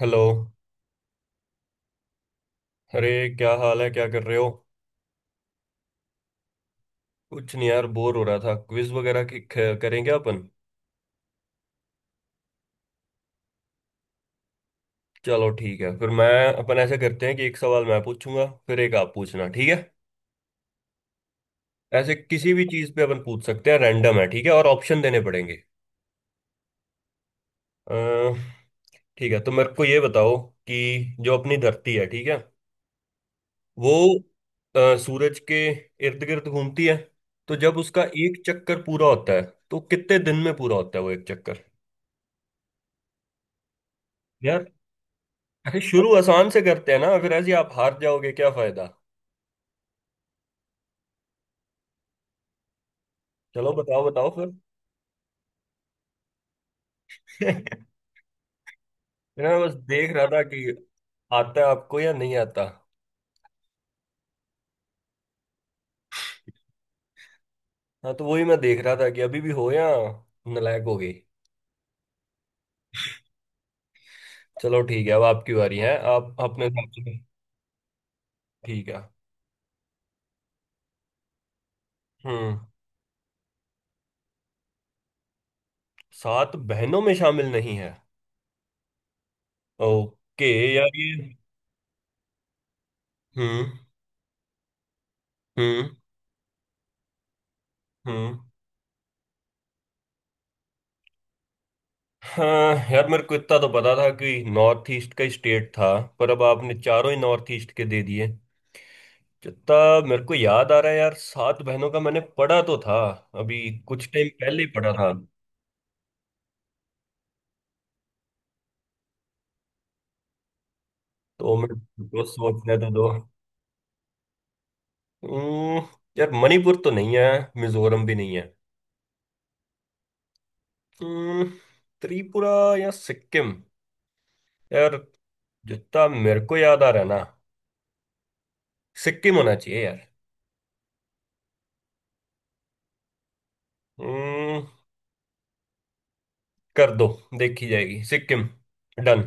Hello. अरे, क्या हाल है? क्या कर रहे हो? कुछ नहीं यार, बोर हो रहा था। क्विज वगैरह की करेंगे अपन। चलो ठीक है फिर। मैं अपन ऐसे करते हैं कि एक सवाल मैं पूछूंगा, फिर एक आप पूछना। ठीक है? ऐसे किसी भी चीज पे अपन पूछ सकते हैं। रैंडम है। ठीक है, और ऑप्शन देने पड़ेंगे। अ, ठीक है, तो मेरे को ये बताओ कि जो अपनी धरती है, ठीक है, वो सूरज के इर्द गिर्द घूमती है। तो जब उसका एक चक्कर पूरा होता है, तो कितने दिन में पूरा होता है वो एक चक्कर? यार, अरे शुरू आसान से करते हैं ना, फिर ऐसे ही आप हार जाओगे, क्या फायदा? चलो बताओ बताओ फिर। मैं बस देख रहा था कि आता है आपको या नहीं आता। हाँ तो वही मैं देख रहा था कि अभी भी हो या नालायक हो गई। चलो ठीक है, अब आपकी बारी है। आप अपने हिसाब से। ठीक है। हम्म। सात बहनों में शामिल नहीं है। ओके। यार ये। हम्म। हम्म। हम्म। हाँ यार, मेरे को इतना तो पता था कि नॉर्थ ईस्ट का स्टेट था। पर अब आपने चारों ही नॉर्थ ईस्ट के दे दिए। जितना मेरे को याद आ रहा है यार, सात बहनों का मैंने पढ़ा तो था अभी। कुछ टाइम पहले ही पढ़ा था। तो मैं तो सोचने तो दो। हम्म, यार मणिपुर तो नहीं है। मिजोरम भी नहीं है। हम्म, त्रिपुरा या सिक्किम यार? जितना मेरे को याद आ रहा है ना, सिक्किम होना चाहिए यार। हम्म, कर दो। देखी जाएगी सिक्किम। डन।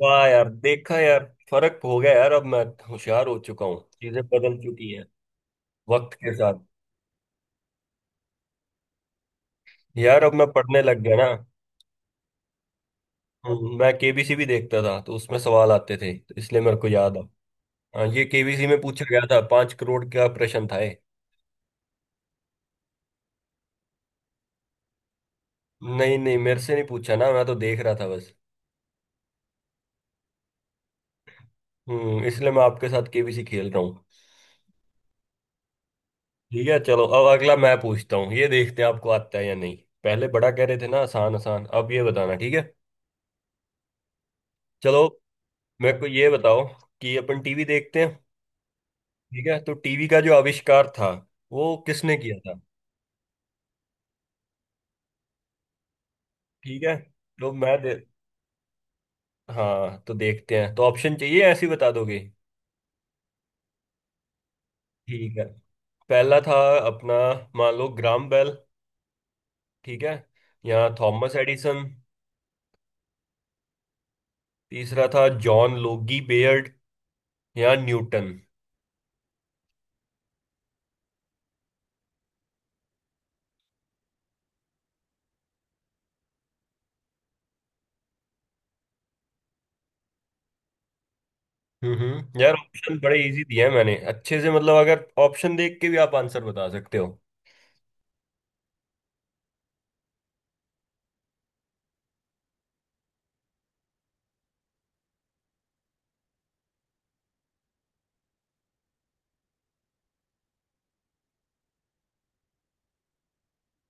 वाह यार, देखा यार। फर्क हो गया यार, अब मैं होशियार हो चुका हूँ, चीजें बदल चुकी हैं वक्त के साथ। यार अब मैं पढ़ने लग गया ना। मैं केबीसी भी देखता था, तो उसमें सवाल आते थे, तो इसलिए मेरे को याद आ। हाँ, ये केबीसी में पूछा गया था, 5 करोड़ का प्रश्न था ये। नहीं नहीं, मेरे से नहीं पूछा ना, मैं तो देख रहा था बस। इसलिए मैं आपके साथ केबीसी खेल रहा हूँ। ठीक है, चलो अब अगला मैं पूछता हूँ, ये देखते हैं आपको आता है या नहीं। पहले बड़ा कह रहे थे ना आसान आसान, अब ये बताना। ठीक है? चलो। मेरे को ये बताओ कि अपन टीवी देखते हैं, ठीक है? तो टीवी का जो आविष्कार था, वो किसने किया था? ठीक है। तो मैं दे- हाँ तो देखते हैं, तो ऑप्शन चाहिए या ऐसे ही बता दोगे? ठीक है। पहला था अपना, मान लो, ग्राम बेल। ठीक है, या थॉमस एडिसन। तीसरा था जॉन लोगी बेयर्ड, या न्यूटन। हम्म। यार ऑप्शन बड़े इजी दिए हैं मैंने, अच्छे से। मतलब अगर ऑप्शन देख के भी आप आंसर बता सकते हो।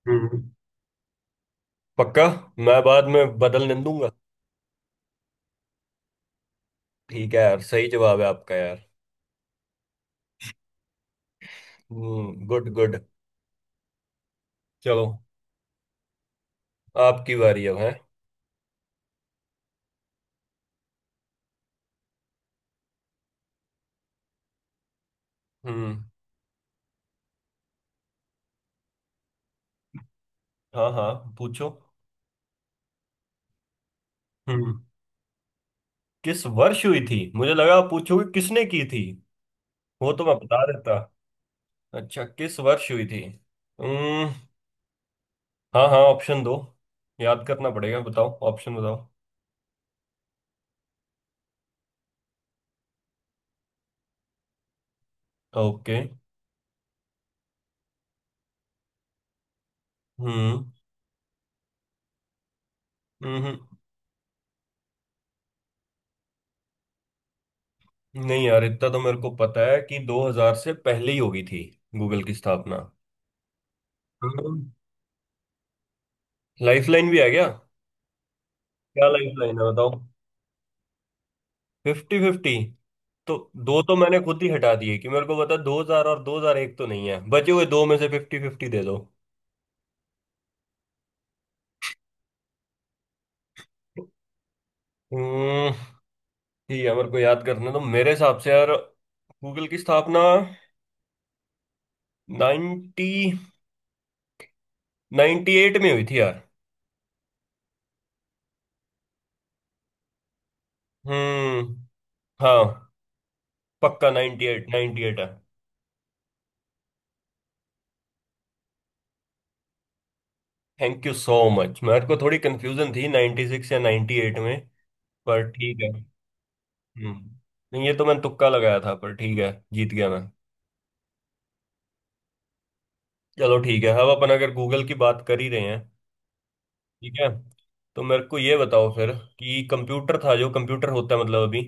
हम्म पक्का? मैं बाद में बदलने दूंगा। ठीक है यार, सही जवाब है आपका यार। Good good. चलो, आपकी बारी अब है। हम्म, हाँ हाँ, पूछो। हम्म किस वर्ष हुई थी? मुझे लगा आप पूछोगे किसने की थी। वो तो मैं बता देता। अच्छा, किस वर्ष हुई थी। हम्म। हाँ हाँ, ऑप्शन दो। याद करना पड़ेगा, बताओ ऑप्शन बताओ। ओके। हम्म। हम्म। नहीं यार, इतना तो मेरे को पता है कि 2000 से पहले ही होगी थी गूगल की स्थापना। लाइफलाइन भी है क्या? क्या लाइफलाइन है बताओ? Fifty fifty? तो दो तो मैंने खुद ही हटा दिए कि मेरे को पता 2000 और 2001 तो नहीं है, बचे हुए दो में से फिफ्टी फिफ्टी दे दो। हम्म, ठीक है, मेरे को याद करने तो मेरे हिसाब से यार, गूगल की स्थापना 90, 98 में हुई थी यार। हम्म, हाँ। पक्का 98 98 है। Thank you so much. मेरे को थोड़ी कंफ्यूजन थी 96 या 98 में, पर ठीक है। हम्म नहीं, ये तो मैंने तुक्का लगाया था, पर ठीक है, जीत गया मैं। चलो ठीक है, अब अपन अगर गूगल की बात कर ही रहे हैं, ठीक है, तो मेरे को ये बताओ फिर। कि कंप्यूटर था, जो कंप्यूटर होता है मतलब अभी,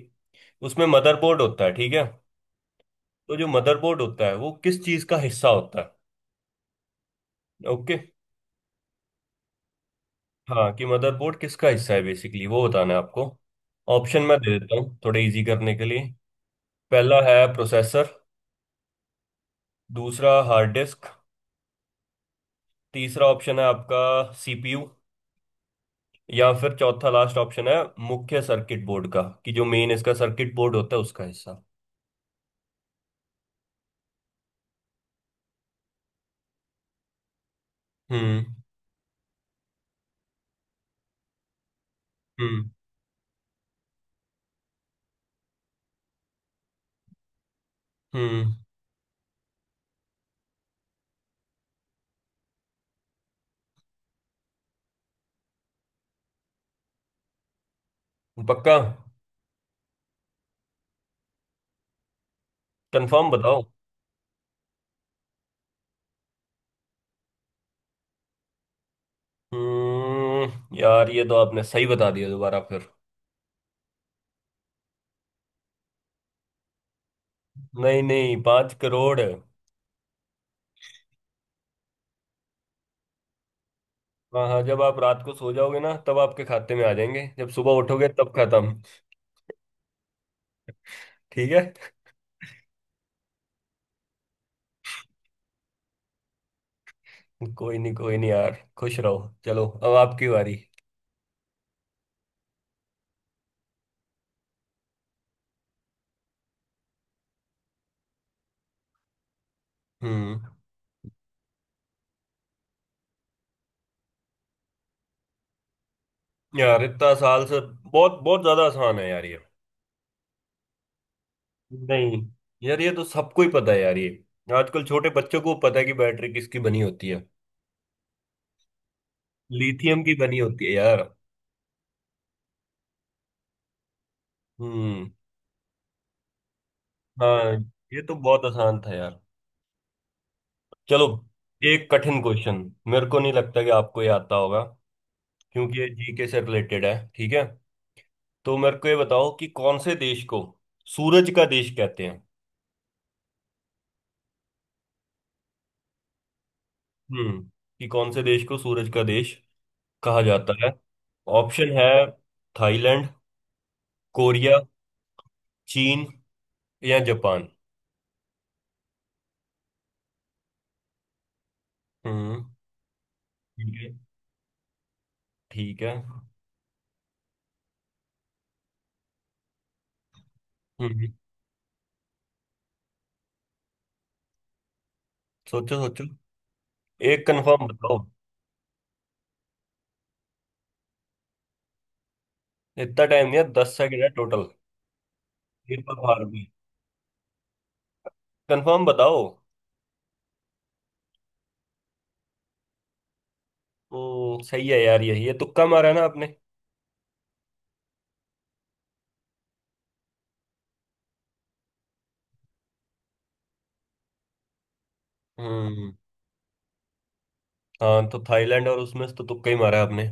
उसमें मदरबोर्ड होता है, ठीक है। तो जो मदरबोर्ड होता है वो किस चीज का हिस्सा होता है? ओके। हाँ, कि मदरबोर्ड किसका हिस्सा है बेसिकली, वो बताना है आपको। ऑप्शन मैं दे देता हूँ थोड़े इजी करने के लिए। पहला है प्रोसेसर। दूसरा हार्ड डिस्क। तीसरा ऑप्शन है आपका, सीपीयू। या फिर चौथा, लास्ट ऑप्शन है मुख्य सर्किट बोर्ड का, कि जो मेन इसका सर्किट बोर्ड होता है उसका हिस्सा। हम्म। हम्म। हम्म। पक्का? कंफर्म बताओ। यार ये तो आपने सही बता दिया दोबारा फिर। नहीं नहीं, 5 करोड़ है। हाँ हाँ, जब आप रात को सो जाओगे ना, तब आपके खाते में आ जाएंगे, जब सुबह उठोगे तब खत्म। ठीक है। कोई नहीं यार, खुश रहो। चलो अब आपकी बारी। हम्म यार इतना साल से बहुत बहुत ज्यादा आसान है यार ये। नहीं यार, ये तो सबको ही पता है यार ये, आजकल छोटे बच्चों को पता है कि बैटरी किसकी बनी होती है। लिथियम की बनी होती है यार। हम्म, हाँ। ये तो बहुत आसान था यार। चलो, एक कठिन क्वेश्चन। मेरे को नहीं लगता कि आपको ये आता होगा, क्योंकि ये जीके से रिलेटेड है। ठीक है? तो मेरे को ये बताओ कि कौन से देश को सूरज का देश कहते हैं? हम्म कि कौन से देश को सूरज का देश कहा जाता है? ऑप्शन है थाईलैंड, कोरिया, चीन या जापान। हम्म। ठीक है। ठीक है। हम्म सोचो सोचो। एक कंफर्म बताओ। इतना टाइम नहीं है, 10 सेकंड है टोटल। फिर तो हार गई? कंफर्म बताओ। ओ, सही है यार, यही है। तुक्का मारा है ना आपने? हम्म, हाँ, तो थाईलैंड और उसमें से तो तुक्का ही मारा है आपने।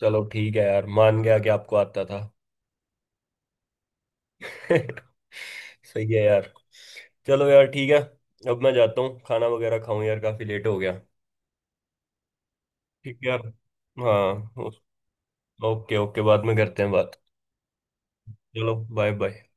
चलो ठीक है यार, मान गया कि आपको आता था। सही है यार। चलो यार ठीक है। अब मैं जाता हूँ, खाना वगैरह खाऊं यार, काफी लेट हो गया। ठीक है यार। हाँ, ओके ओके, बाद में करते हैं बात। चलो, बाय बाय।